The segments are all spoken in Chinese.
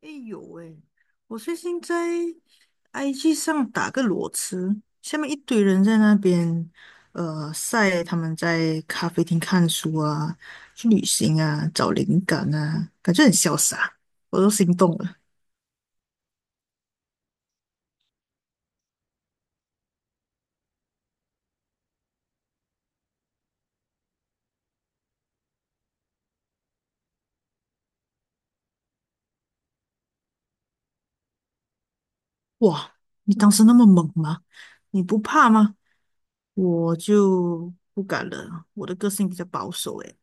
哎有哎，我最近在 IG 上打个裸辞，下面一堆人在那边晒他们在咖啡厅看书啊、去旅行啊、找灵感啊，感觉很潇洒，我都心动了。哇，你当时那么猛吗？你不怕吗？我就不敢了，我的个性比较保守诶。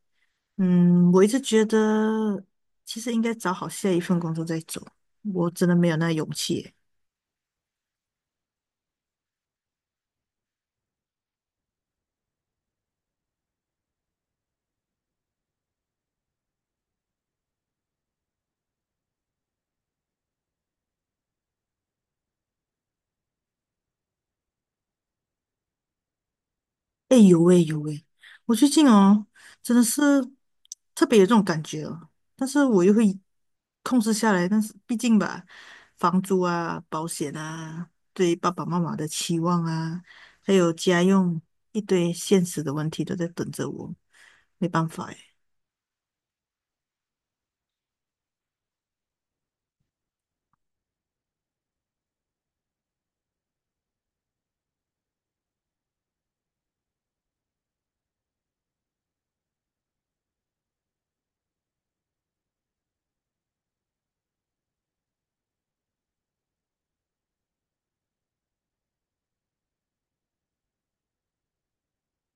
嗯，我一直觉得其实应该找好下一份工作再走，我真的没有那勇气。哎，有哎有哎，我最近哦，真的是特别有这种感觉哦，但是我又会控制下来，但是毕竟吧，房租啊、保险啊、对爸爸妈妈的期望啊，还有家用一堆现实的问题都在等着我，没办法诶。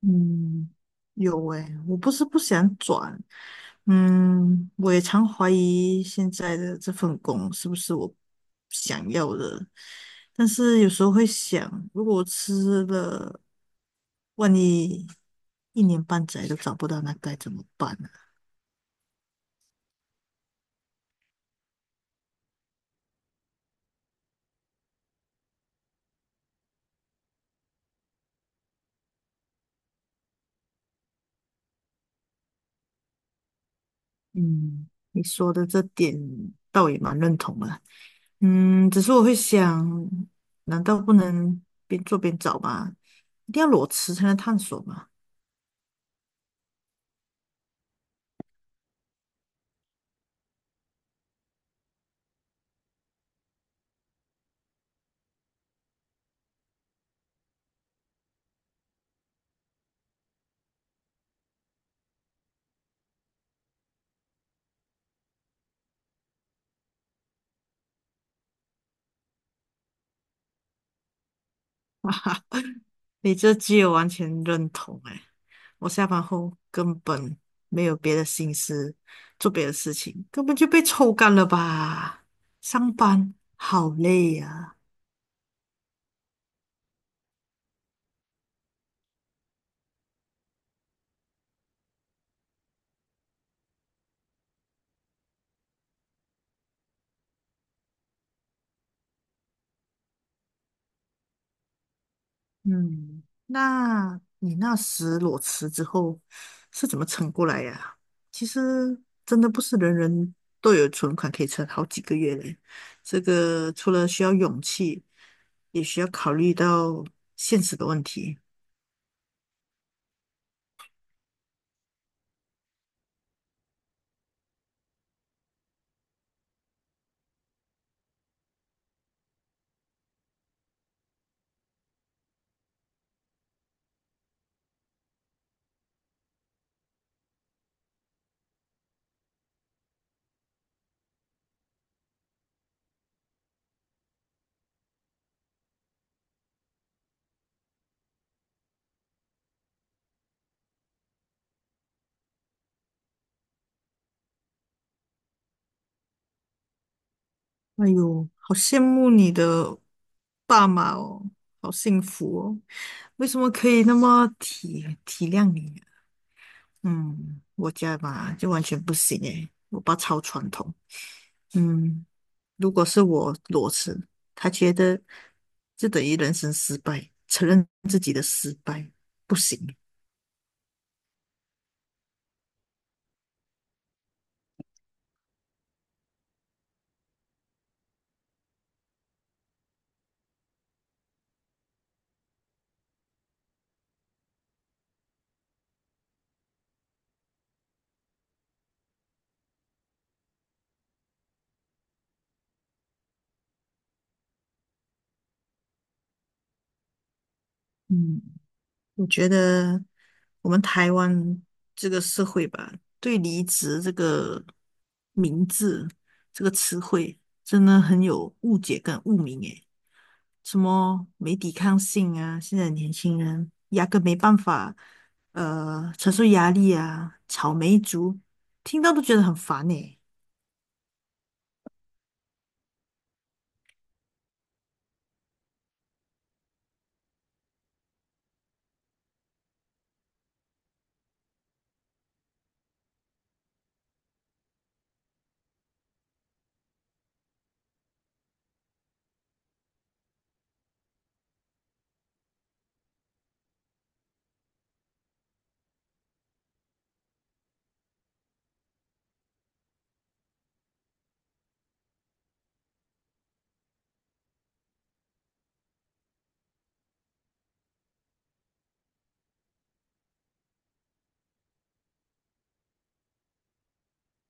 嗯，有诶，我不是不想转，嗯，我也常怀疑现在的这份工是不是我想要的，但是有时候会想，如果我吃了，万一一年半载都找不到，那该怎么办呢？嗯，你说的这点倒也蛮认同的，嗯，只是我会想，难道不能边做边找吗？一定要裸辞才能探索吗？你这句我完全认同哎，我下班后根本没有别的心思做别的事情，根本就被抽干了吧？上班好累呀。嗯，那你那时裸辞之后是怎么撑过来呀，其实真的不是人人都有存款可以撑好几个月嘞，这个除了需要勇气，也需要考虑到现实的问题。哎呦，好羡慕你的爸妈哦，好幸福哦！为什么可以那么体体谅你啊。嗯，我家吧就完全不行诶，我爸超传统。嗯，如果是我裸辞，他觉得就等于人生失败，承认自己的失败不行。嗯，你觉得我们台湾这个社会吧，对离职这个名字、这个词汇，真的很有误解跟污名诶。什么没抵抗性啊，现在年轻人压根没办法，承受压力啊，草莓族，听到都觉得很烦诶。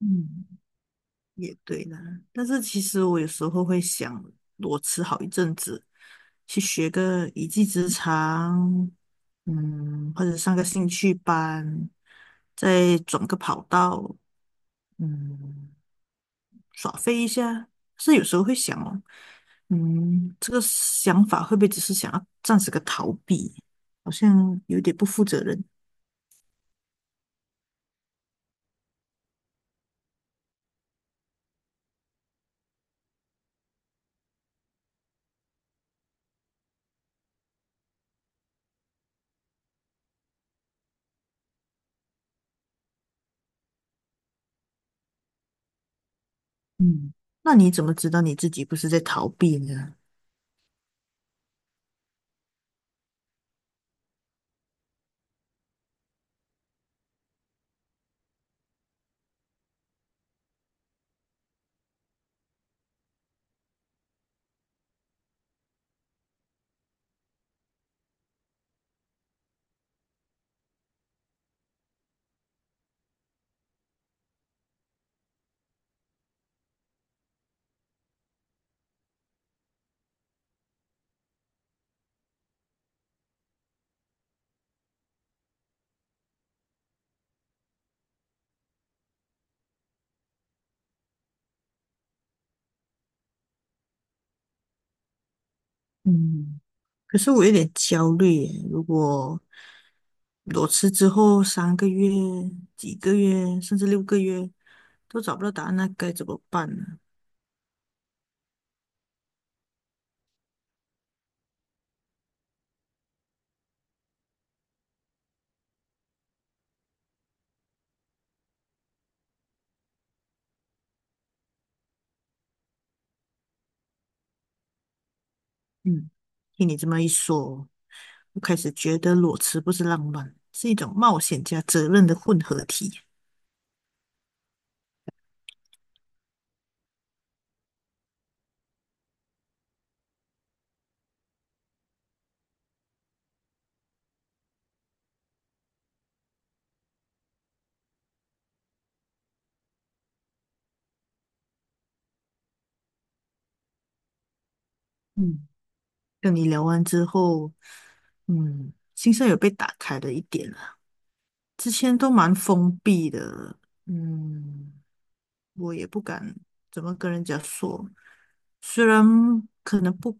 嗯。也对啦，但是其实我有时候会想裸辞好一阵子，去学个一技之长，嗯，或者上个兴趣班，再转个跑道，嗯，耍飞一下。是有时候会想哦，嗯，这个想法会不会只是想要暂时个逃避？好像有点不负责任。嗯，那你怎么知道你自己不是在逃避呢？嗯。可是我有点焦虑耶，如果裸辞之后三个月、几个月，甚至六个月都找不到答案，那该怎么办呢？嗯，听你这么一说，我开始觉得裸辞不是浪漫，是一种冒险加责任的混合体。嗯，跟你聊完之后，嗯，心上有被打开了一点了，之前都蛮封闭的，嗯。我也不敢怎么跟人家说，虽然可能不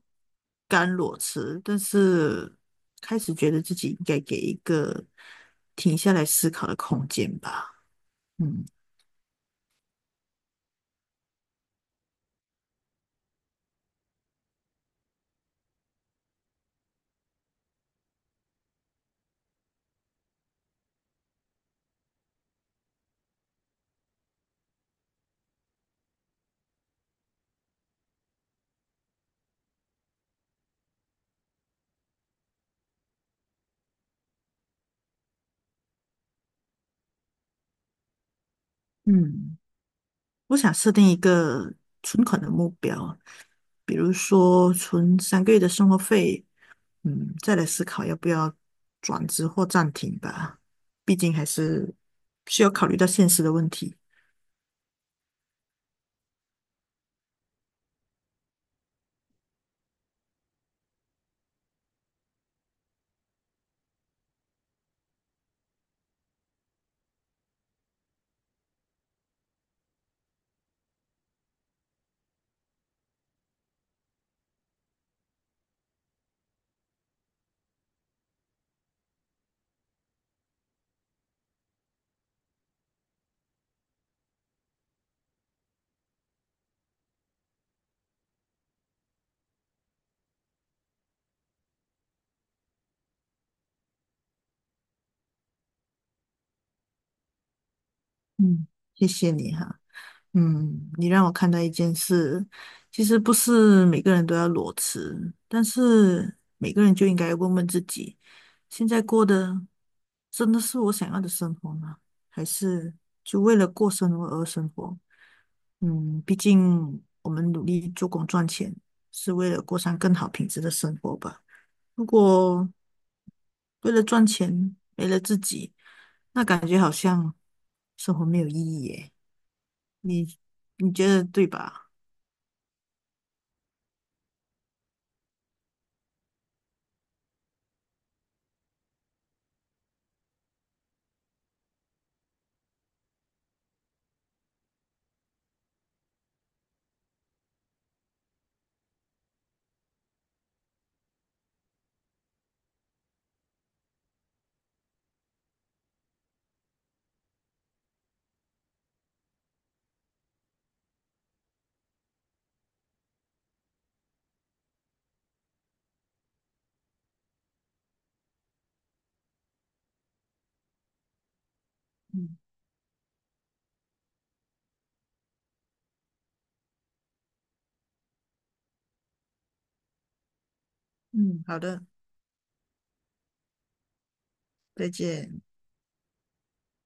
甘裸辞，但是开始觉得自己应该给一个停下来思考的空间吧。嗯。嗯，我想设定一个存款的目标，比如说存三个月的生活费，嗯，再来思考要不要转职或暂停吧。毕竟还是需要考虑到现实的问题。嗯，谢谢你哈。嗯，你让我看到一件事，其实不是每个人都要裸辞，但是每个人就应该问问自己，现在过的真的是我想要的生活吗？还是就为了过生活而生活？嗯，毕竟我们努力做工赚钱，是为了过上更好品质的生活吧。如果为了赚钱没了自己，那感觉好像生活没有意义耶。你你觉得对吧？嗯。嗯，好的，再见。